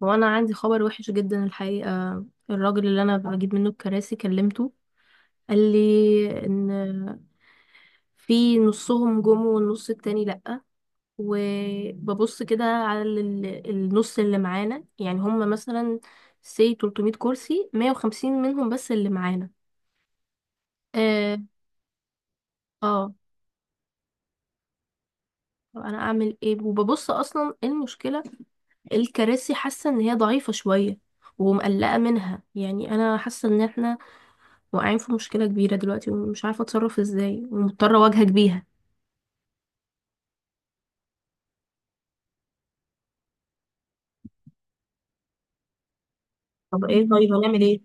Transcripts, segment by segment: وانا عندي خبر وحش جدا الحقيقة. الراجل اللي انا بجيب منه الكراسي كلمته، قال لي ان في نصهم جم والنص التاني لأ. وببص كده على النص اللي معانا، يعني هم مثلا سي 300 كرسي، 150 منهم بس اللي معانا. اه، اه. طب انا اعمل ايه؟ وببص اصلا إيه المشكلة؟ الكراسي حاسة ان هي ضعيفة شوية ومقلقة منها، يعني انا حاسة ان احنا واقعين في مشكلة كبيرة دلوقتي، ومش عارفة اتصرف ازاي، ومضطرة اواجهك بيها. طب ايه؟ طيب هنعمل ايه؟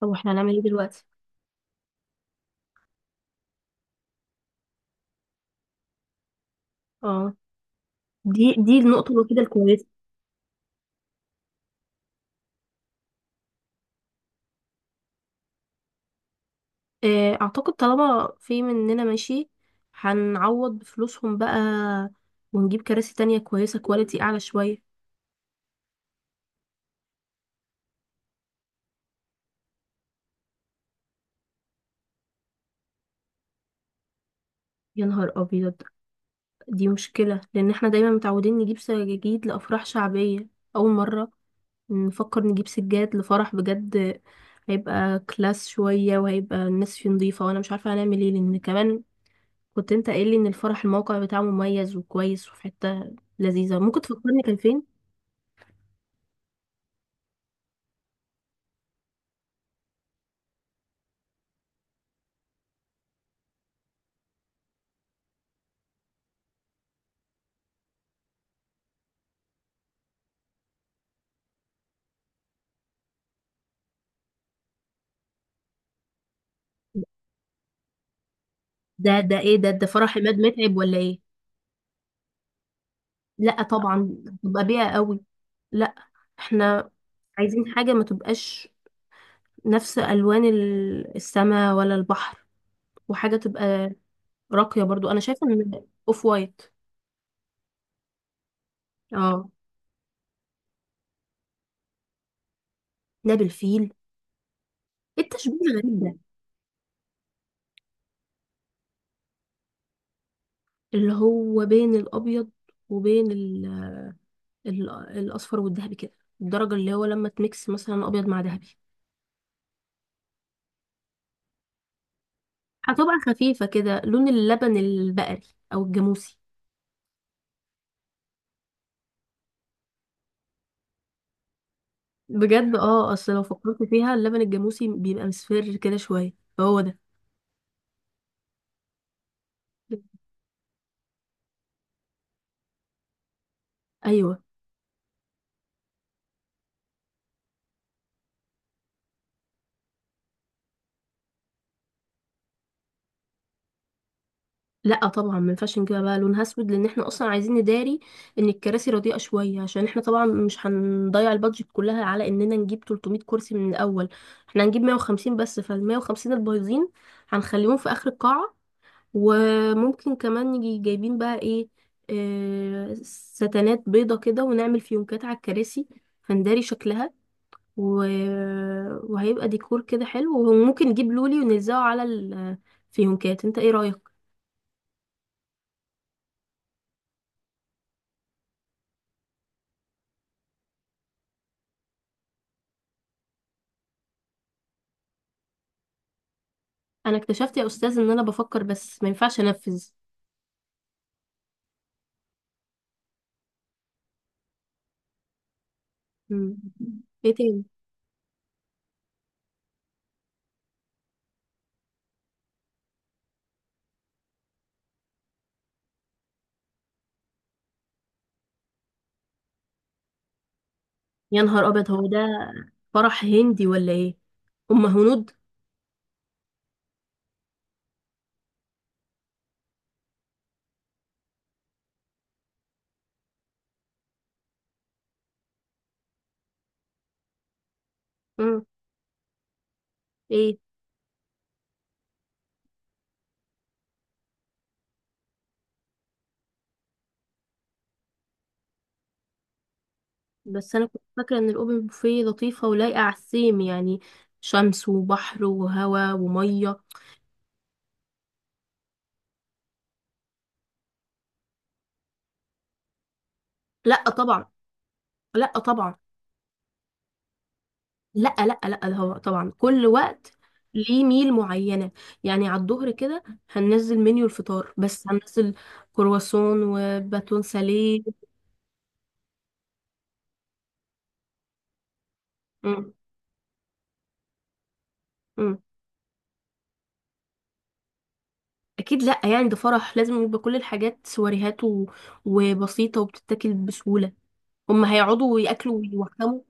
طب احنا هنعمل ايه دلوقتي؟ اه، دي النقطة الوحيدة الكويسة. اعتقد طالما في مننا ماشي، هنعوض بفلوسهم بقى، ونجيب كراسي تانية كويسة كواليتي اعلى شوية. يا نهار ابيض! دي مشكلة، لان احنا دايما متعودين نجيب سجاجيد لافراح شعبية. اول مرة نفكر نجيب سجاد لفرح بجد. هيبقى كلاس شوية، وهيبقى الناس فيه نضيفة، وانا مش عارفة هنعمل ايه، لان كمان كنت انت قايل لي ان الفرح الموقع بتاعه مميز وكويس، وفي حتة لذيذة ممكن تفكرني كان فين. ده ايه؟ ده فرح عماد متعب ولا ايه؟ لا طبعا، تبقى بيئة قوي. لا، احنا عايزين حاجة ما تبقاش نفس الوان السماء ولا البحر، وحاجة تبقى راقية برضو. انا شايفة ان اوف وايت. اه. ده بالفيل. إيه التشبيه الغريب ده؟ اللي هو بين الابيض وبين الاصفر والذهبي كده. الدرجه اللي هو لما تميكس مثلا ابيض مع ذهبي. هتبقى خفيفه كده، لون اللبن البقري او الجاموسي. بجد، اه، اصل لو فكرت فيها اللبن الجاموسي بيبقى مصفر كده شويه، فهو ده. ايوه. لا طبعا، ما ينفعش نجيبها بقى لونها اسود، لان احنا اصلا عايزين نداري ان الكراسي رديئه شويه. عشان احنا طبعا مش هنضيع البادجت كلها على اننا نجيب 300 كرسي من الاول. احنا هنجيب 150 بس، فال 150 البايظين هنخليهم في اخر القاعه. وممكن كمان نيجي جايبين بقى ايه، آه، ستانات بيضه كده، ونعمل فيونكات على الكراسي فنداري شكلها و... وهيبقى ديكور كده حلو. وممكن نجيب لولي ونلزقه على الفيونكات. انت ايه رايك؟ انا اكتشفت يا استاذ ان انا بفكر بس ما ينفعش انفذ. مم. ايه تاني؟ يا نهار ابيض، هو ده فرح هندي ولا ايه؟ ام هنود؟ امم ايه؟ بس انا كنت فاكره ان الاوبن بوفيه لطيفه ولايقه على السيم، يعني شمس وبحر وهواء وميه. لا طبعا. لا طبعا. لا، لا، لا، ده هو طبعا كل وقت ليه ميل معينه، يعني على الظهر كده هننزل منيو الفطار، بس هننزل كرواسون وباتون ساليه. مم. مم. اكيد لا، يعني ده فرح، لازم يبقى كل الحاجات سواريهات وبسيطه وبتتاكل بسهوله. هم هيقعدوا وياكلوا ويوخموا.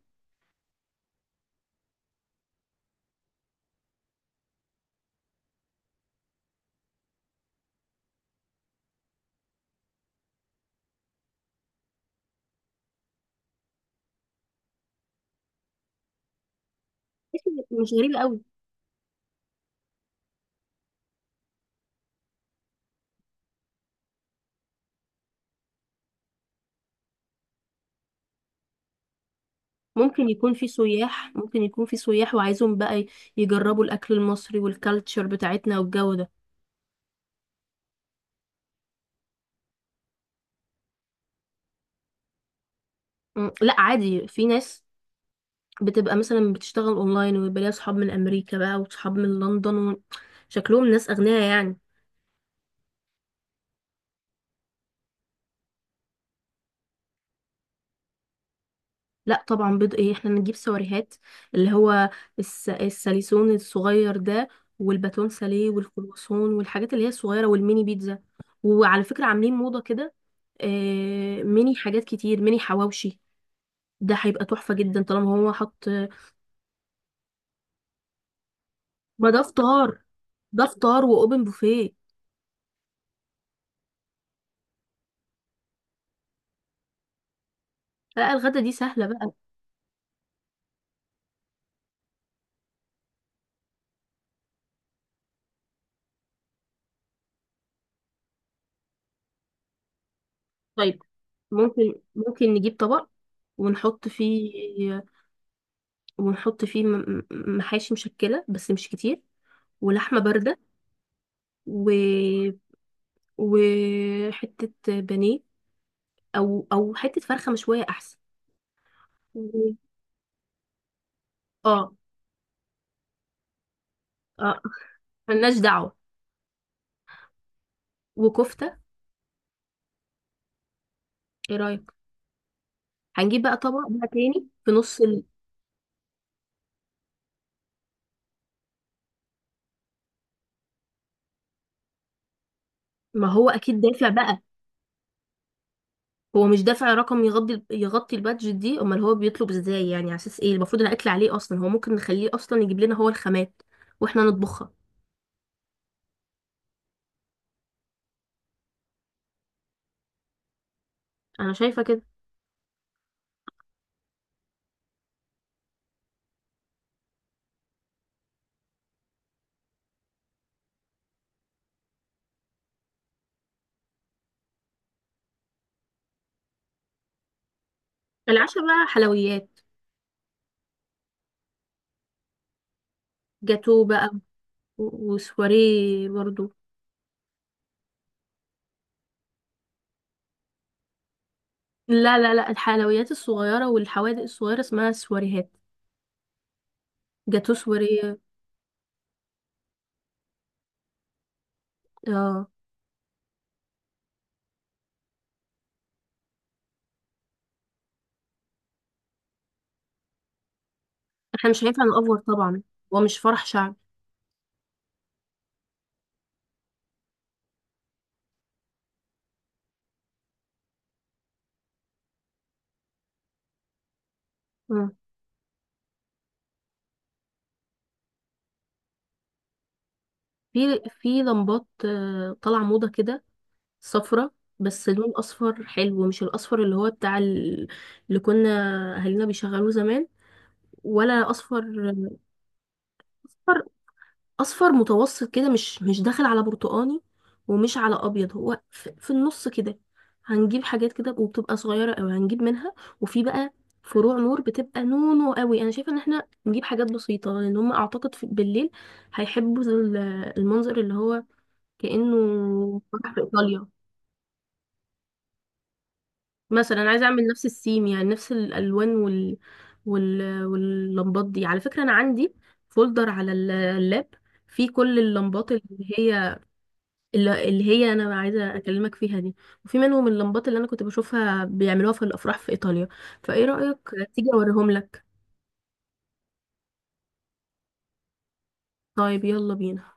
مش غريبه قوي. ممكن يكون في سياح وعايزهم بقى يجربوا الاكل المصري والكالتشر بتاعتنا والجو ده. لا عادي، في ناس بتبقى مثلا بتشتغل اونلاين، ويبقى ليها صحاب من امريكا بقى، وصحاب من لندن شكلهم ناس اغنياء يعني. لا طبعا، بيض ايه، احنا نجيب سواريهات، اللي هو الساليسون الصغير ده، والباتون ساليه والكرواسون والحاجات اللي هي الصغيره والميني بيتزا. وعلى فكره عاملين موضه كده. ميني حاجات كتير، ميني حواوشي. ده هيبقى تحفه جدا طالما هو حط. ما ده فطار، ده فطار واوبن بوفيه. لا الغدا دي سهله بقى. طيب، ممكن نجيب طبق ونحط فيه ونحط فيه محاشي مشكله بس مش كتير، ولحمه بارده، و... وحتة بانيه، أو حتة فرخة مشوية أحسن. و- اه. اه. ملناش دعوة. وكفتة. ايه رأيك؟ هنجيب بقى طبق بقى تاني في نص. ما هو أكيد دافع بقى. هو مش دافع رقم يغطي البادجت دي. امال هو بيطلب ازاي؟ يعني على اساس ايه المفروض الاكل عليه اصلا؟ هو ممكن نخليه اصلا يجيب لنا هو الخامات واحنا نطبخها. انا شايفه كده. العشاء بقى حلويات. جاتو بقى. وسواريه برضو. لا، لا، لا، الحلويات الصغيرة والحوادق الصغيرة اسمها سواريهات. جاتو سواريه. اه. احنا مش هينفع نأفور طبعا. هو مش فرح شعبي. آه. في في لمبات، طالعة موضة كده، صفرة. بس لون أصفر حلو، مش الأصفر اللي هو بتاع اللي كنا أهالينا بيشغلوه زمان. ولا أصفر؟ آه، أصفر، اصفر متوسط كده، مش داخل على برتقاني، ومش على ابيض. هو في النص كده. هنجيب حاجات كده، وبتبقى صغيره قوي هنجيب منها. وفي بقى فروع نور بتبقى نونو قوي. انا شايفه ان احنا نجيب حاجات بسيطه، لان هم اعتقد في بالليل هيحبوا المنظر اللي هو كانه فرح في ايطاليا. مثلا أنا عايزه اعمل نفس السيم، يعني نفس الالوان واللمبات دي. على فكره انا عندي فولدر على اللاب، فيه كل اللمبات اللي هي اللي هي انا عايزه اكلمك فيها دي. وفي منهم اللمبات اللي انا كنت بشوفها بيعملوها في الافراح في ايطاليا، فايه رايك تيجي اوريهم لك؟ طيب يلا بينا.